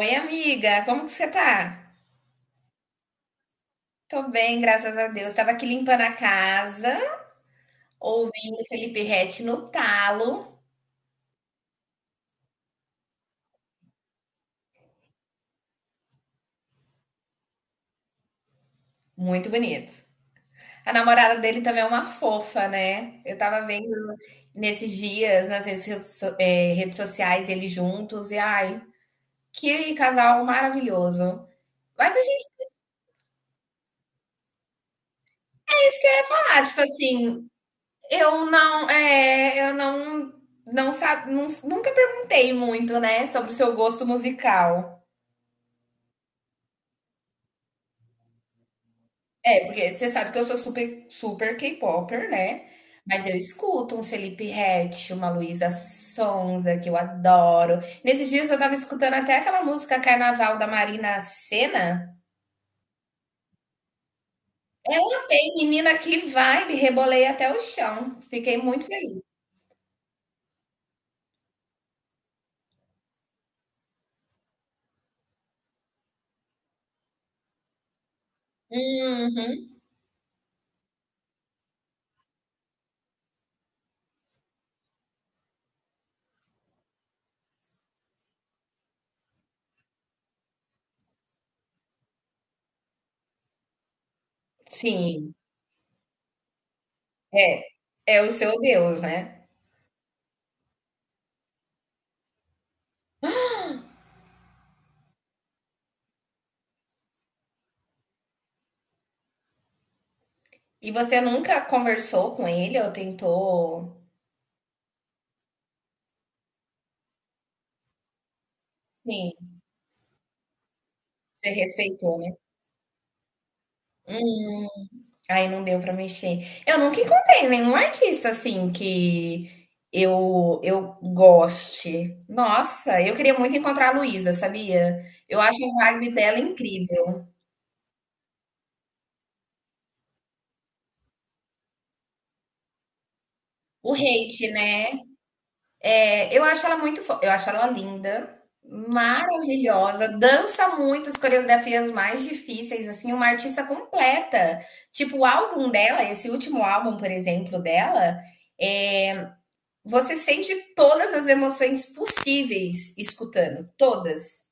Oi, amiga, como que você tá? Tô bem, graças a Deus. Tava aqui limpando a casa, ouvindo Felipe Ret no talo. Muito bonito. A namorada dele também é uma fofa, né? Eu tava vendo nesses dias nas redes, redes sociais eles juntos e ai, que casal maravilhoso. Mas a gente é isso que eu ia falar, tipo assim, eu não, não sabe, nunca perguntei muito, né, sobre o seu gosto musical. É, porque você sabe que eu sou super K-popper, né, mas eu escuto um Felipe Ret, uma Luísa Sonza, que eu adoro. Nesses dias eu tava escutando até aquela música Carnaval da Marina Sena. Ei, menina, que vibe, rebolei até o chão. Fiquei muito feliz. Uhum. Sim, é, é o seu Deus, né. E você nunca conversou com ele ou tentou? Sim, você respeitou, né? Hum. Aí não deu pra mexer. Eu nunca encontrei nenhum artista assim que eu goste. Nossa, eu queria muito encontrar a Luísa, sabia? Eu acho a vibe dela incrível. O hate, né? É, eu acho ela muito, eu acho ela linda, maravilhosa, dança muito as coreografias mais difíceis, assim, uma artista completa. Tipo, o álbum dela, esse último álbum, por exemplo, dela. é, Você sente todas as emoções possíveis escutando, todas.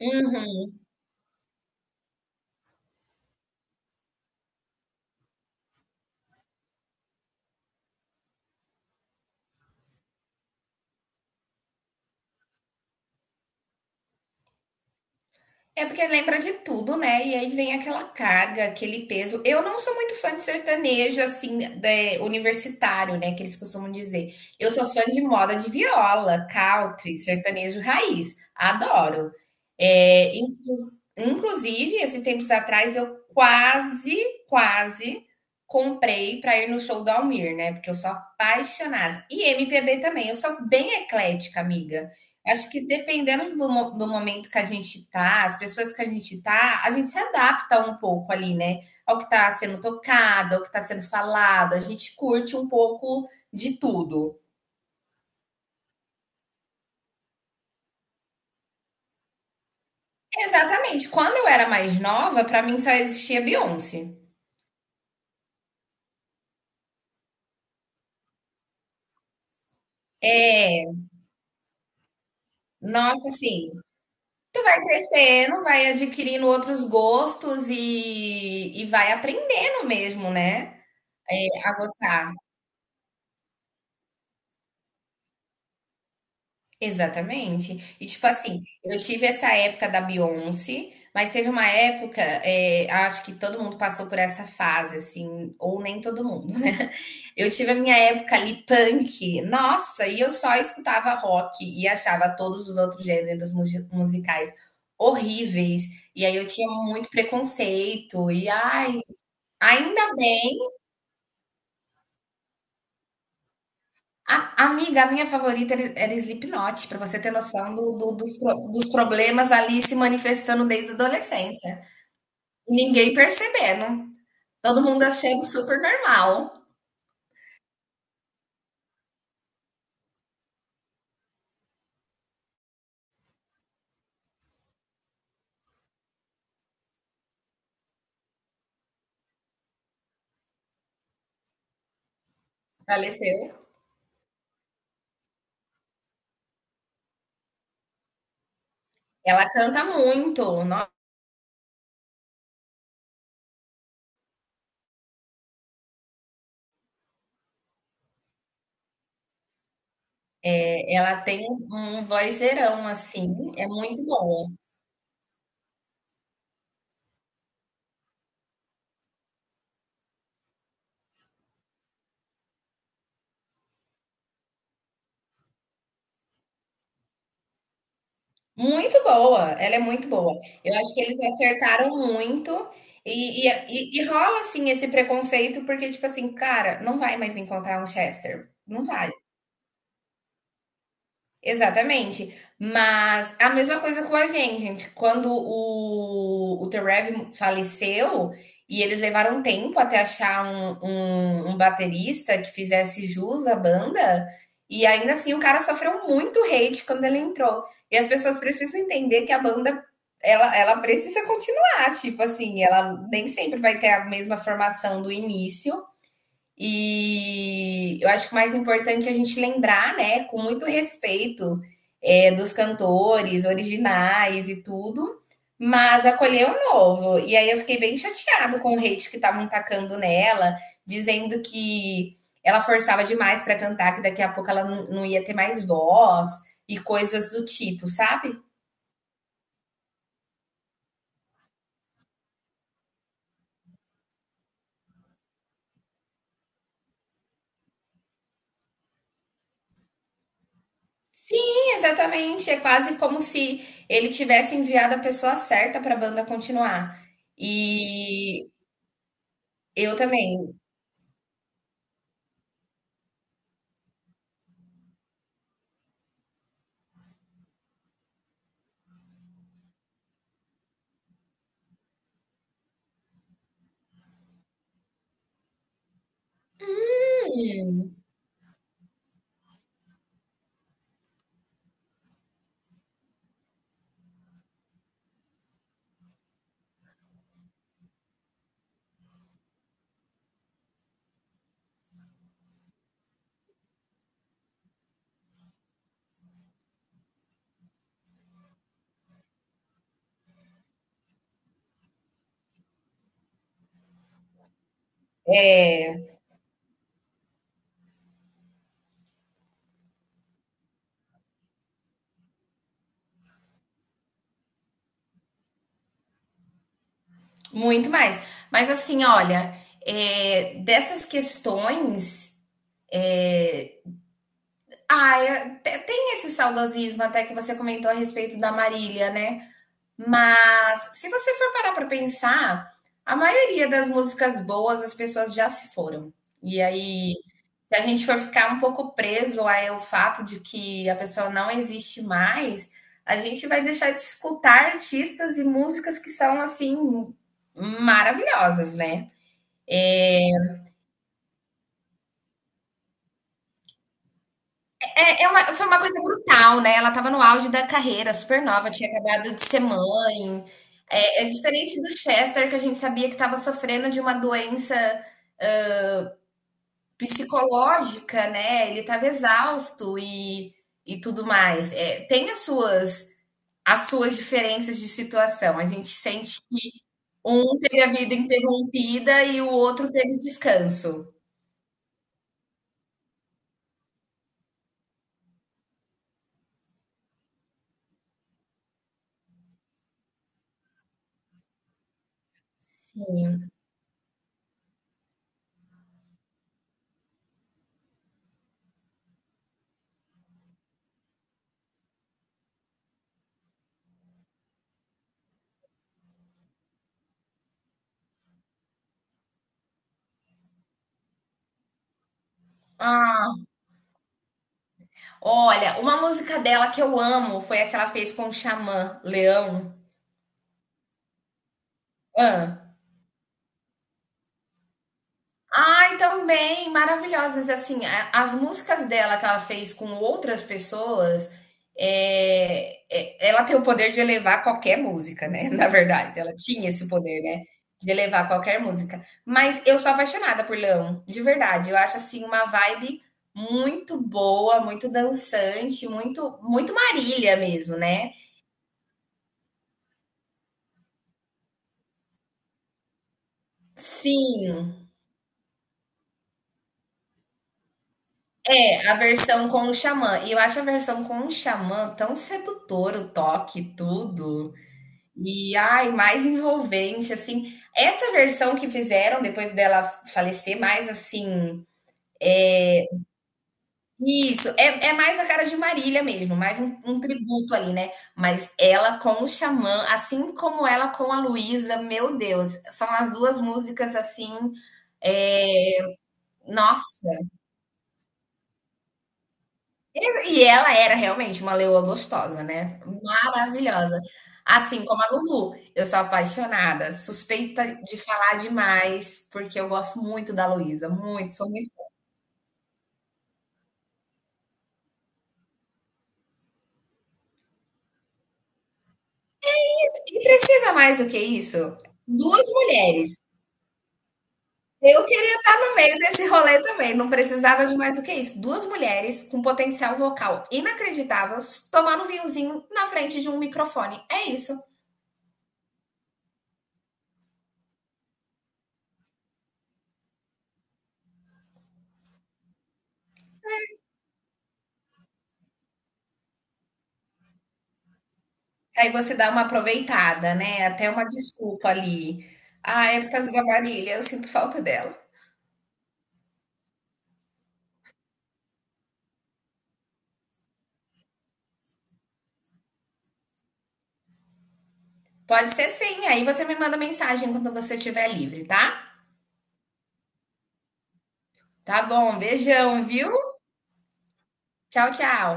Uhum. É porque lembra de tudo, né? E aí vem aquela carga, aquele peso. Eu não sou muito fã de sertanejo, assim, universitário, né? Que eles costumam dizer. Eu sou fã de moda de viola, country, sertanejo raiz. Adoro. É, inclu- Inclusive, esses tempos atrás, eu quase comprei para ir no show do Almir, né? Porque eu sou apaixonada. E MPB também. Eu sou bem eclética, amiga. Acho que dependendo do momento que a gente tá, as pessoas que a gente tá, a gente se adapta um pouco ali, né? Ao que tá sendo tocado, ao que tá sendo falado, a gente curte um pouco de tudo. Exatamente. Quando eu era mais nova, pra mim só existia Beyoncé. É, nossa, assim, vai crescendo, vai adquirindo outros gostos e vai aprendendo mesmo, né? É, a gostar. Exatamente. E, tipo assim, eu tive essa época da Beyoncé, mas teve uma época, acho que todo mundo passou por essa fase, assim, ou nem todo mundo, né. Eu tive a minha época ali punk, nossa, e eu só escutava rock e achava todos os outros gêneros mugi musicais horríveis, e aí eu tinha muito preconceito e ai, ainda bem. A amiga, a minha favorita era Slipknot, para você ter noção do do dos pro dos problemas ali se manifestando desde a adolescência. Ninguém percebendo. Todo mundo achando super normal. Faleceu. Ela canta muito, no ela tem um vozeirão, assim, é muito boa. Muito boa, ela é muito boa. Eu acho que eles acertaram muito e rola, assim, esse preconceito, porque, tipo assim, cara, não vai mais encontrar um Chester, não vai. Exatamente. Mas a mesma coisa com o Avenged, gente. Quando o The faleceu e eles levaram um tempo até achar um baterista que fizesse jus à banda, e ainda assim o cara sofreu muito hate quando ele entrou. E as pessoas precisam entender que a banda ela precisa continuar, tipo assim, ela nem sempre vai ter a mesma formação do início, e eu acho que o mais importante é a gente lembrar, né, com muito respeito, é, dos cantores originais e tudo, mas acolher o novo. E aí eu fiquei bem chateado com o hate que estavam tacando nela, dizendo que ela forçava demais para cantar, que daqui a pouco ela não ia ter mais voz e coisas do tipo, sabe? Sim, exatamente. É quase como se ele tivesse enviado a pessoa certa para a banda continuar. E eu também. Hum. É, muito mais. Mas assim, olha, é, dessas questões. é, Tem esse saudosismo até que você comentou a respeito da Marília, né? Mas se você for parar para pensar, a maioria das músicas boas as pessoas já se foram. E aí. Se a gente for ficar um pouco preso ao fato de que a pessoa não existe mais, a gente vai deixar de escutar artistas e músicas que são assim maravilhosas, né? É, foi uma coisa brutal, né? Ela estava no auge da carreira, super nova, tinha acabado de ser mãe. É, é diferente do Chester, que a gente sabia que estava sofrendo de uma doença psicológica, né? Ele estava exausto e tudo mais. É, tem as suas diferenças de situação. A gente sente que um teve a vida interrompida e o outro teve descanso. Sim. Ah, olha, uma música dela que eu amo foi a que ela fez com o Xamã, Leão. Ah, ai, também, maravilhosas. Assim, as músicas dela que ela fez com outras pessoas, ela tem o poder de elevar qualquer música, né? Na verdade, ela tinha esse poder, né? De elevar qualquer música. Mas eu sou apaixonada por Leão, de verdade. Eu acho assim uma vibe muito boa, muito dançante, muito, muito Marília mesmo, né? Sim, é a versão com o Xamã. E eu acho a versão com o Xamã tão sedutora, o toque, tudo. E ai, mais envolvente, assim. Essa versão que fizeram depois dela falecer, mais assim. Isso, é, é mais a cara de Marília mesmo, mais um, um tributo ali, né? Mas ela com o Xamã, assim como ela com a Luísa, meu Deus, são as duas músicas assim. É, Nossa, e ela era realmente uma leoa gostosa, né? Maravilhosa. Assim como a Lulu, eu sou apaixonada, suspeita de falar demais, porque eu gosto muito da Luísa, muito, sou muito. E precisa mais do que isso? Duas mulheres. Eu queria estar no meio desse rolê também, não precisava de mais do que isso. Duas mulheres com potencial vocal inacreditável, tomando um vinhozinho na frente de um microfone. É isso. Aí você dá uma aproveitada, né, até uma desculpa ali. "Ah, é por causa da Marília, eu sinto falta dela". Pode ser sim, aí você me manda mensagem quando você estiver livre, tá? Tá bom, beijão, viu? Tchau, tchau.